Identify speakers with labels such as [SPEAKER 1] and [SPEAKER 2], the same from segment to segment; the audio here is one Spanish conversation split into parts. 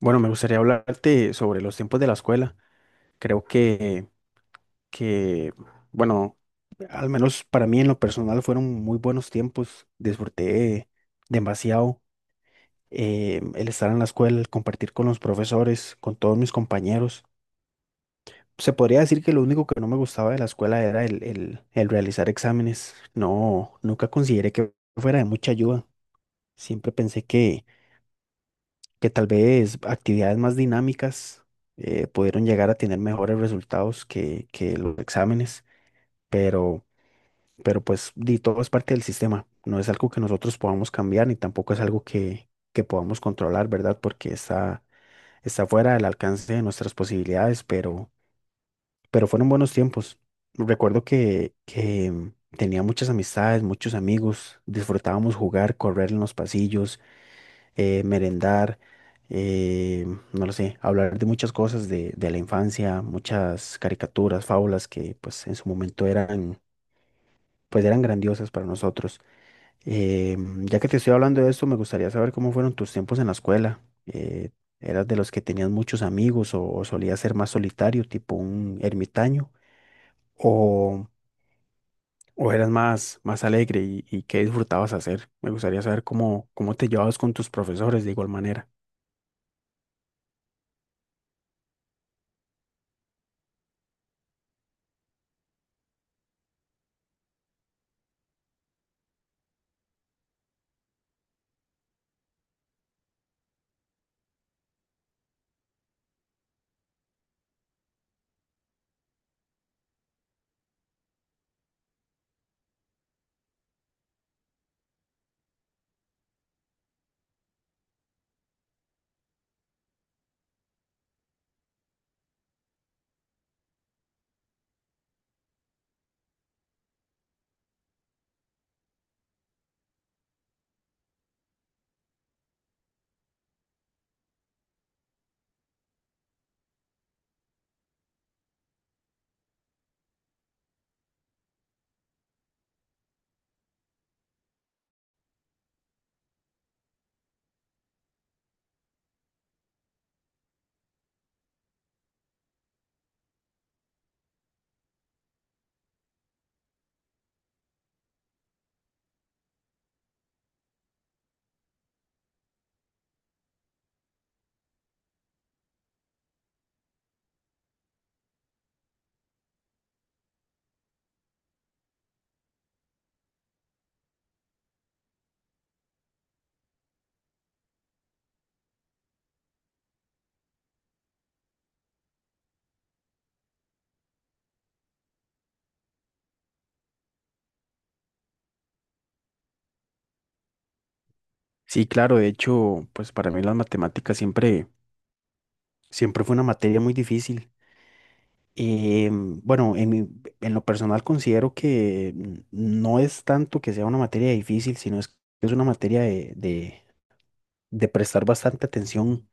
[SPEAKER 1] Bueno, me gustaría hablarte sobre los tiempos de la escuela. Creo que, bueno, al menos para mí en lo personal fueron muy buenos tiempos. Disfruté demasiado el estar en la escuela, el compartir con los profesores, con todos mis compañeros. Se podría decir que lo único que no me gustaba de la escuela era el realizar exámenes. No, nunca consideré que fuera de mucha ayuda. Siempre pensé que tal vez actividades más dinámicas pudieron llegar a tener mejores resultados que los exámenes, pero, pero pues di, todo es parte del sistema, no es algo que nosotros podamos cambiar ni tampoco es algo que podamos controlar, ¿verdad? Porque está fuera del alcance de nuestras posibilidades, pero fueron buenos tiempos. Recuerdo que tenía muchas amistades, muchos amigos, disfrutábamos jugar, correr en los pasillos, merendar, eh, no lo sé, hablar de muchas cosas de la infancia, muchas caricaturas, fábulas que pues en su momento pues eran grandiosas para nosotros. Eh, ya que te estoy hablando de esto, me gustaría saber cómo fueron tus tiempos en la escuela. Eh, ¿Eras de los que tenías muchos amigos o solías ser más solitario, tipo un ermitaño? ¿O, o eras más alegre y qué disfrutabas hacer? Me gustaría saber cómo te llevabas con tus profesores de igual manera. Sí, claro, de hecho, pues para mí las matemáticas siempre fue una materia muy difícil. Bueno, en lo personal considero que no es tanto que sea una materia difícil, sino es que es una materia de prestar bastante atención,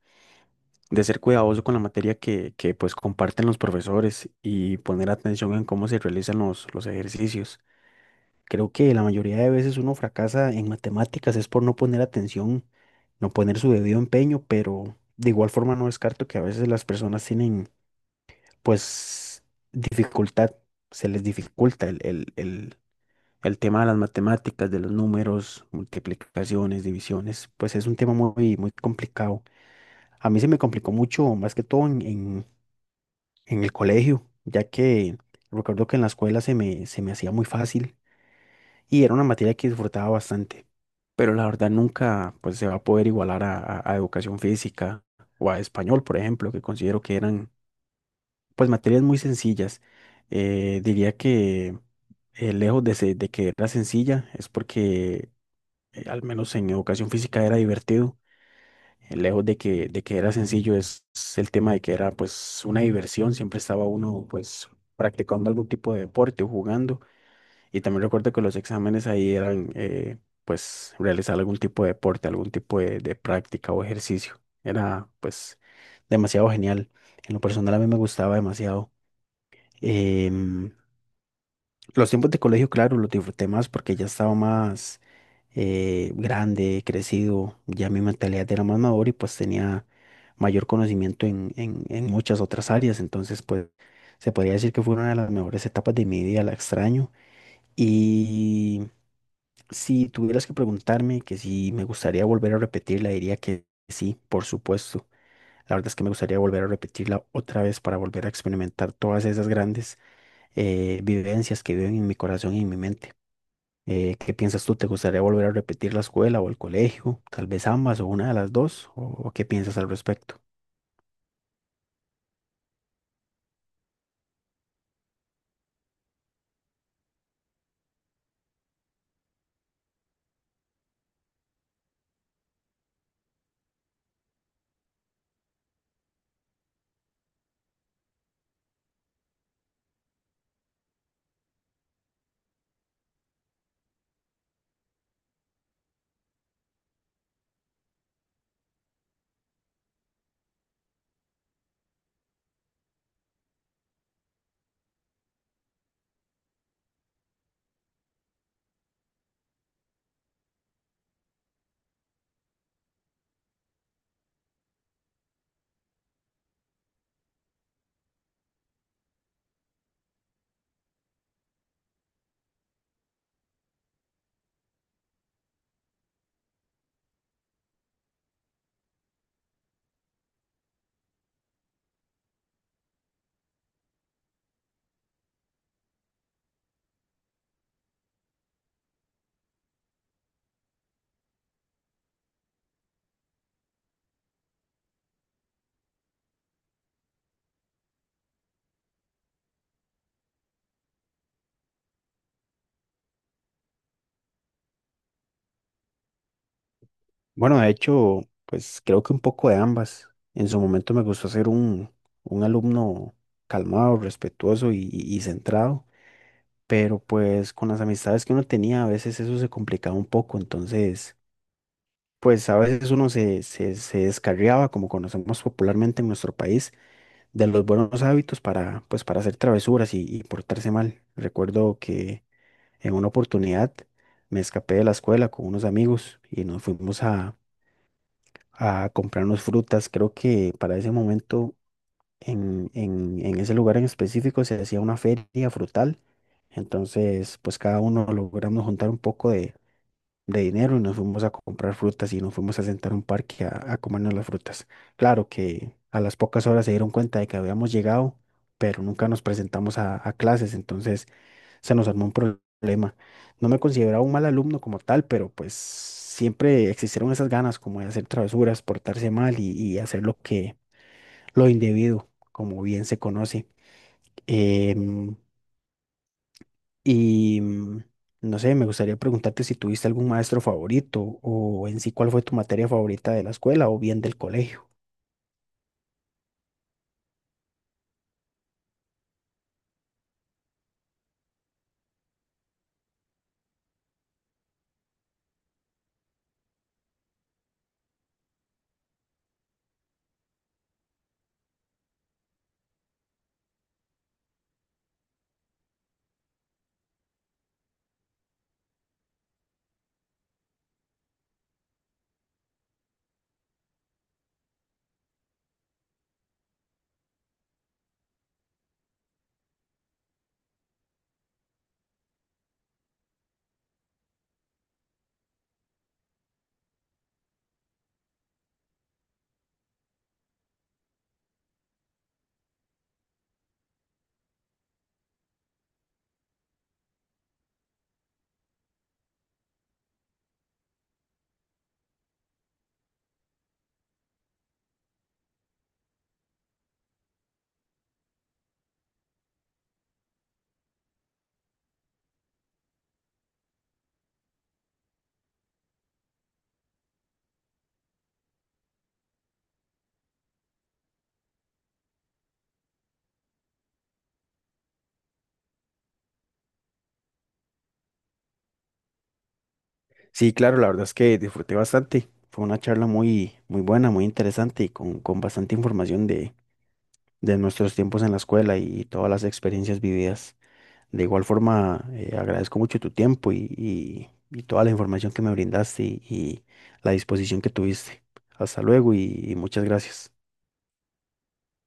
[SPEAKER 1] de ser cuidadoso con la materia que pues comparten los profesores y poner atención en cómo se realizan los ejercicios. Creo que la mayoría de veces uno fracasa en matemáticas es por no poner atención, no poner su debido empeño, pero de igual forma no descarto que a veces las personas tienen pues dificultad, se les dificulta el tema de las matemáticas, de los números, multiplicaciones, divisiones, pues es un tema muy, muy complicado. A mí se me complicó mucho, más que todo en el colegio, ya que recuerdo que en la escuela se me hacía muy fácil y era una materia que disfrutaba bastante, pero la verdad nunca pues se va a poder igualar a educación física o a español, por ejemplo, que considero que eran pues materias muy sencillas. Diría que lejos de que era sencilla, es porque al menos en educación física era divertido. Lejos de de que era sencillo, es el tema de que era pues una diversión, siempre estaba uno pues practicando algún tipo de deporte o jugando. Y también recuerdo que los exámenes ahí pues realizar algún tipo de deporte, algún tipo de práctica o ejercicio. Era pues demasiado genial. En lo personal a mí me gustaba demasiado. Em, los tiempos de colegio, claro, los disfruté más porque ya estaba más grande, crecido, ya mi mentalidad era más madura y pues tenía mayor conocimiento en muchas otras áreas. Entonces, pues, se podría decir que fue una de las mejores etapas de mi vida, la extraño. Y si tuvieras que preguntarme que si me gustaría volver a repetirla, diría que sí, por supuesto. La verdad es que me gustaría volver a repetirla otra vez para volver a experimentar todas esas grandes vivencias que viven en mi corazón y en mi mente. ¿Qué piensas tú? ¿Te gustaría volver a repetir la escuela o el colegio? Tal vez ambas o una de las dos. O qué piensas al respecto? Bueno, de hecho, pues creo que un poco de ambas. En su momento me gustó ser un alumno calmado, respetuoso y centrado. Pero pues con las amistades que uno tenía a veces eso se complicaba un poco, entonces pues a veces uno se descarriaba, como conocemos popularmente en nuestro país, de los buenos hábitos para pues para hacer travesuras y portarse mal. Recuerdo que en una oportunidad me escapé de la escuela con unos amigos y nos fuimos a comprarnos frutas, creo que para ese momento en ese lugar en específico se hacía una feria frutal. Entonces, pues cada uno logramos juntar un poco de dinero y nos fuimos a comprar frutas y nos fuimos a sentar a un parque a comernos las frutas. Claro que a las pocas horas se dieron cuenta de que habíamos llegado, pero nunca nos presentamos a clases, entonces se nos armó un problema. No me consideraba un mal alumno como tal, pero pues siempre existieron esas ganas como de hacer travesuras, portarse mal y hacer lo que lo individuo, como bien se conoce. Em, y mm, no sé, me gustaría preguntarte si tuviste algún maestro favorito o en sí cuál fue tu materia favorita de la escuela o bien del colegio. Sí, claro, la verdad es que disfruté bastante. Fue una charla muy, muy buena, muy interesante y con bastante información de nuestros tiempos en la escuela y todas las experiencias vividas. De igual forma, agradezco mucho tu tiempo y toda la información que me brindaste y la disposición que tuviste. Hasta luego y muchas gracias.